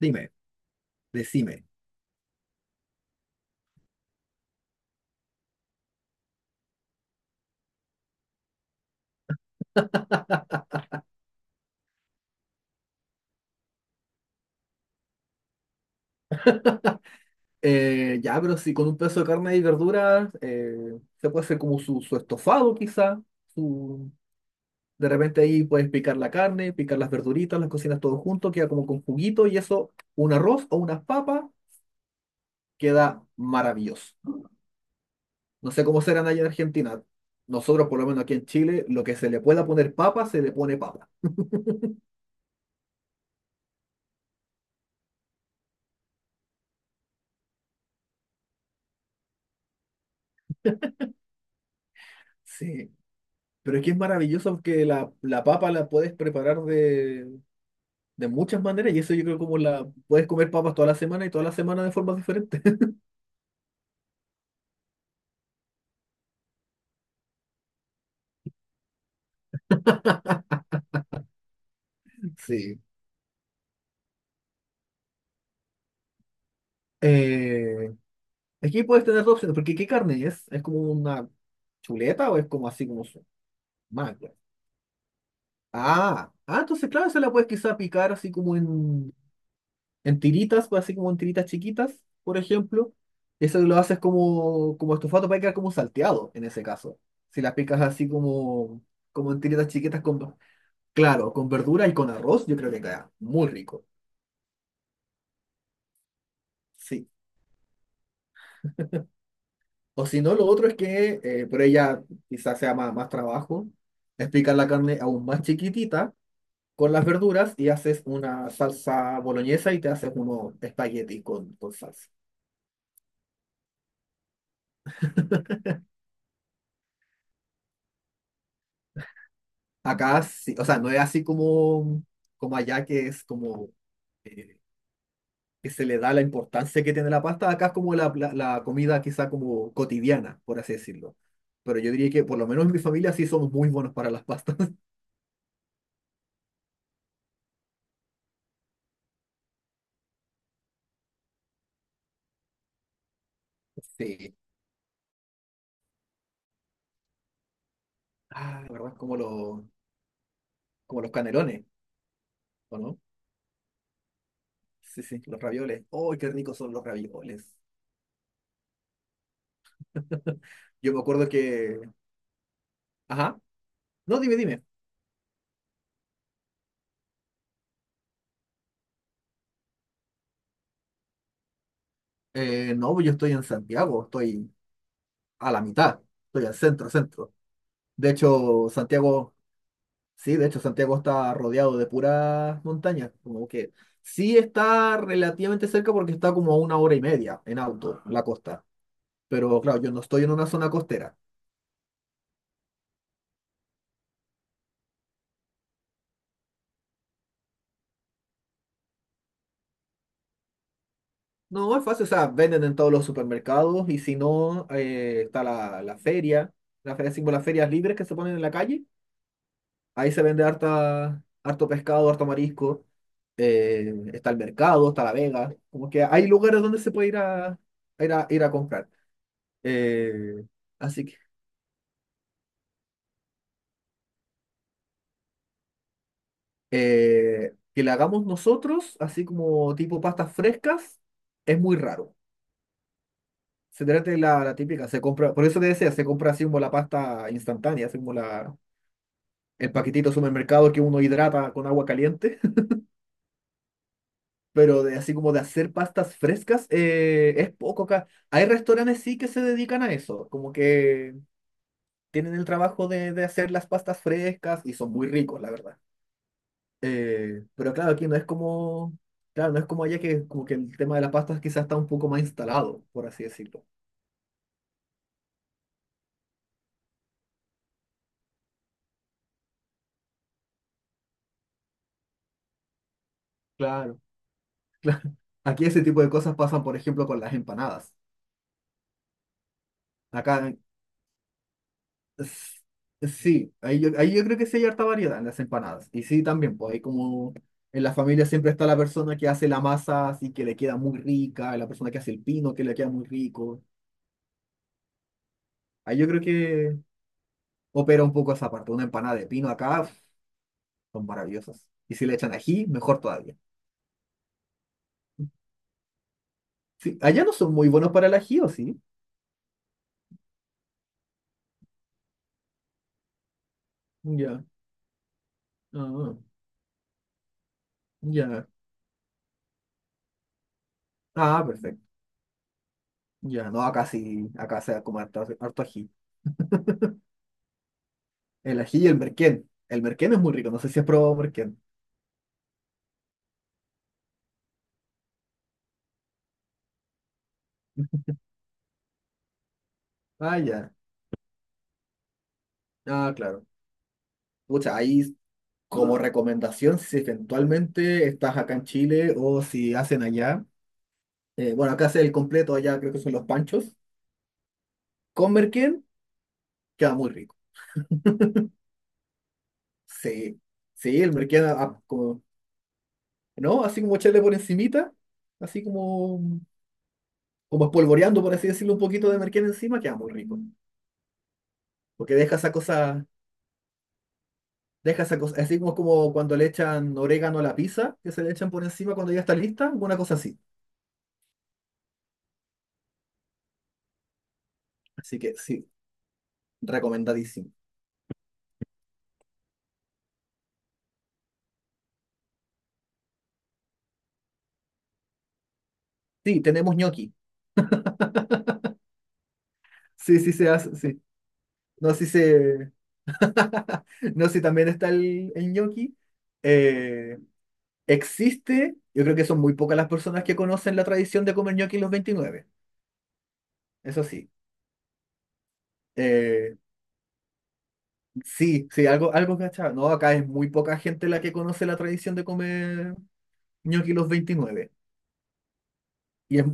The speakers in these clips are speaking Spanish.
Dime, decime. Ya, pero si con un pedazo de carne y verduras, se puede hacer como su estofado quizá. su- de repente ahí puedes picar la carne, picar las verduritas, las cocinas todo junto, queda como con juguito y eso, un arroz o unas papas, queda maravilloso. No sé cómo serán allá en Argentina. Nosotros, por lo menos aquí en Chile, lo que se le pueda poner papa, se le pone papa. Sí, pero es que es maravilloso que la papa la puedes preparar de muchas maneras y eso yo creo como la puedes comer papas toda la semana y toda la semana de formas diferentes. Sí. Eh, Aquí puedes tener dos opciones, porque ¿qué carne es? ¿Es como una chuleta o es como así como su magua? Ah, ah, entonces claro, se la puedes quizá picar así como en tiritas, pues, así como en tiritas chiquitas, por ejemplo. Eso lo haces como estofado para quedar como salteado en ese caso. Si la picas así como en tiritas chiquitas con, claro, con verdura y con arroz, yo creo que queda muy rico. Sí. O si no, lo otro es que, por ella quizás sea más trabajo, explicar la carne aún más chiquitita con las verduras y haces una salsa boloñesa y te haces unos espaguetis con salsa. Acá, sí, o sea, no es así como, como allá que es como eh, que se le da la importancia que tiene la pasta, acá es como la comida quizá como cotidiana, por así decirlo. Pero yo diría que por lo menos en mi familia sí somos muy buenos para las pastas. Sí. Ah, ¿verdad? Como los canelones, ¿o no? Sí, sí, los ravioles. ¡Oh, qué ricos son los ravioles! Yo me acuerdo que. Ajá. No, dime, dime. No, yo estoy en Santiago, estoy a la mitad, estoy al centro, centro. De hecho, Santiago, sí, de hecho, Santiago está rodeado de puras montañas, como que sí está relativamente cerca porque está como a una hora y media en auto, la costa. Pero claro, yo no estoy en una zona costera. No, es fácil, o sea, venden en todos los supermercados y si no, está la feria, así como las ferias libres que se ponen en la calle, ahí se vende harta, harto pescado, harto marisco, está el mercado, está la vega, como que hay lugares donde se puede ir a comprar. Eh, Así que, que la hagamos nosotros, así como tipo pastas frescas, es muy raro. Se trata de la típica, se compra, por eso te decía, se compra así como la pasta instantánea, así como la el paquetito de supermercado que uno hidrata con agua caliente, pero de, así como de hacer pastas frescas, es poco acá. Hay restaurantes sí que se dedican a eso, como que tienen el trabajo de hacer las pastas frescas y son muy ricos, la verdad. Pero claro, aquí no es como, claro, no es como allá que como que el tema de las pastas quizás está un poco más instalado, por así decirlo. Claro. Aquí ese tipo de cosas pasan, por ejemplo, con las empanadas. Acá s- sí, ahí yo creo que sí hay harta variedad en las empanadas. Y sí, también, pues hay como en la familia siempre está la persona que hace la masa, así que le queda muy rica, la persona que hace el pino, que le queda muy rico. Ahí yo creo que opera un poco esa parte. Una empanada de pino acá uf, son maravillosas. Y si le echan ají, mejor todavía. Sí, allá no son muy buenos para el ají, ¿o sí? Ya, ah, ya. Ah, perfecto. Ya, no, acá sí, acá se da como harto, harto ají. El ají y el merquén. El merquén es muy rico, no sé si has probado merquén. Ah, ya. Ah, claro. Pucha, ahí como recomendación, si eventualmente estás acá en Chile o si hacen allá, bueno, acá hace el completo, allá creo que son los panchos, con merquén queda muy rico. Sí, sí, el merquén, como, ¿no? Así como echarle por encimita, así como espolvoreando, por así decirlo, un poquito de merquén encima, queda muy rico. Porque deja esa cosa, así como cuando le echan orégano a la pizza, que se le echan por encima cuando ya está lista, una cosa así. Así que sí. Recomendadísimo. Sí, tenemos gnocchi. Sí, sí se hace, sí. No, sí se. No, sí también está el gnocchi. Eh, Existe, yo creo que son muy pocas las personas que conocen la tradición de comer gnocchi los 29. Eso sí. Eh, sí, sí, algo, algo cachado. No, acá es muy poca gente la que conoce la tradición de comer gnocchi los 29. Y es,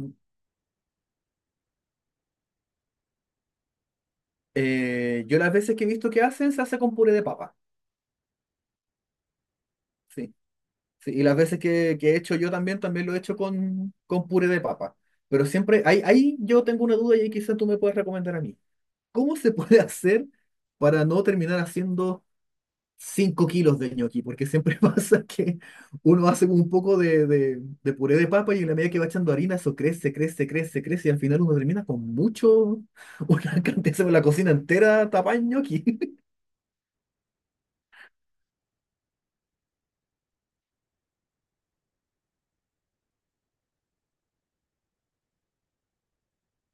yo las veces que he visto que hacen, se hace con puré de papa. Sí. Sí, y las veces que he hecho yo también, también lo he hecho con puré de papa. Pero siempre, ahí yo tengo una duda y ahí quizás tú me puedas recomendar a mí. ¿Cómo se puede hacer para no terminar haciendo 5 kilos de ñoqui? Porque siempre pasa que uno hace un poco de puré de papa y en la medida que va echando harina, eso crece, crece, crece, crece y al final uno termina con mucho, una cantidad, se ve la cocina entera tapada en ñoqui.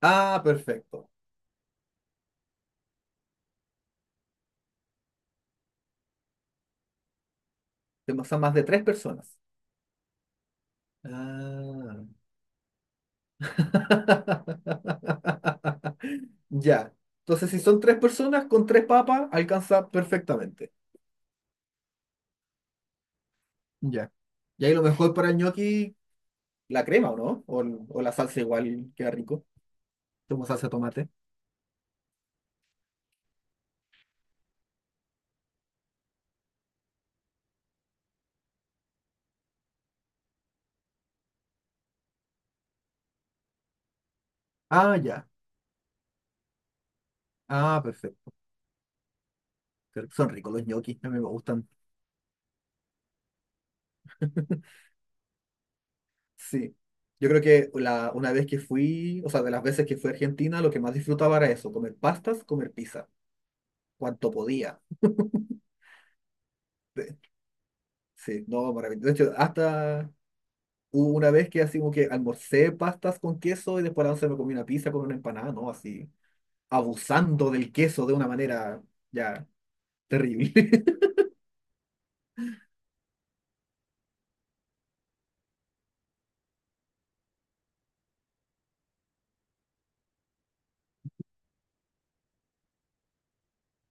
Ah, perfecto. Son más de tres personas. Ah. Ya. Entonces, si son tres personas con tres papas, alcanza perfectamente. Ya. Y ahí lo mejor para el ñoqui, la crema, ¿o no? O, o la salsa igual queda rico. Como salsa de tomate. Ah, ya. Ah, perfecto. Pero son ricos los ñoquis, a mí me gustan. Sí. Yo creo que una vez que fui, o sea, de las veces que fui a Argentina, lo que más disfrutaba era eso, comer pastas, comer pizza, cuanto podía. Sí, no, maravilloso. De hecho, hasta hubo una vez que así como que almorcé pastas con queso y después a la once me comí una pizza con una empanada, ¿no? Así, abusando del queso de una manera ya terrible.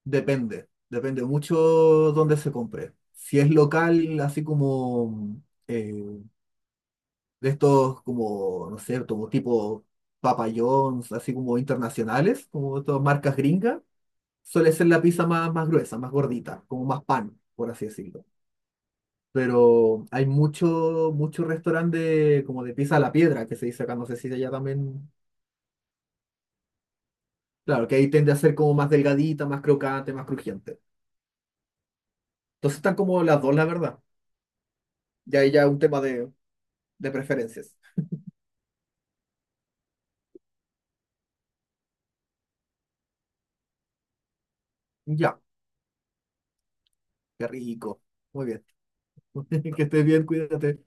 Depende, depende mucho dónde se compre. Si es local, así como eh, de estos como, no sé, como tipo Papa John's, así como internacionales, como estas marcas gringas, suele ser la pizza más gruesa, más gordita, como más pan, por así decirlo. Pero hay mucho, mucho restaurante como de pizza a la piedra que se dice acá, no sé si allá también. Claro, que ahí tiende a ser como más delgadita, más crocante, más crujiente. Entonces están como las dos, la verdad. Ya ahí ya es un tema de preferencias. Ya, qué rico. Muy bien. Que estés bien, cuídate.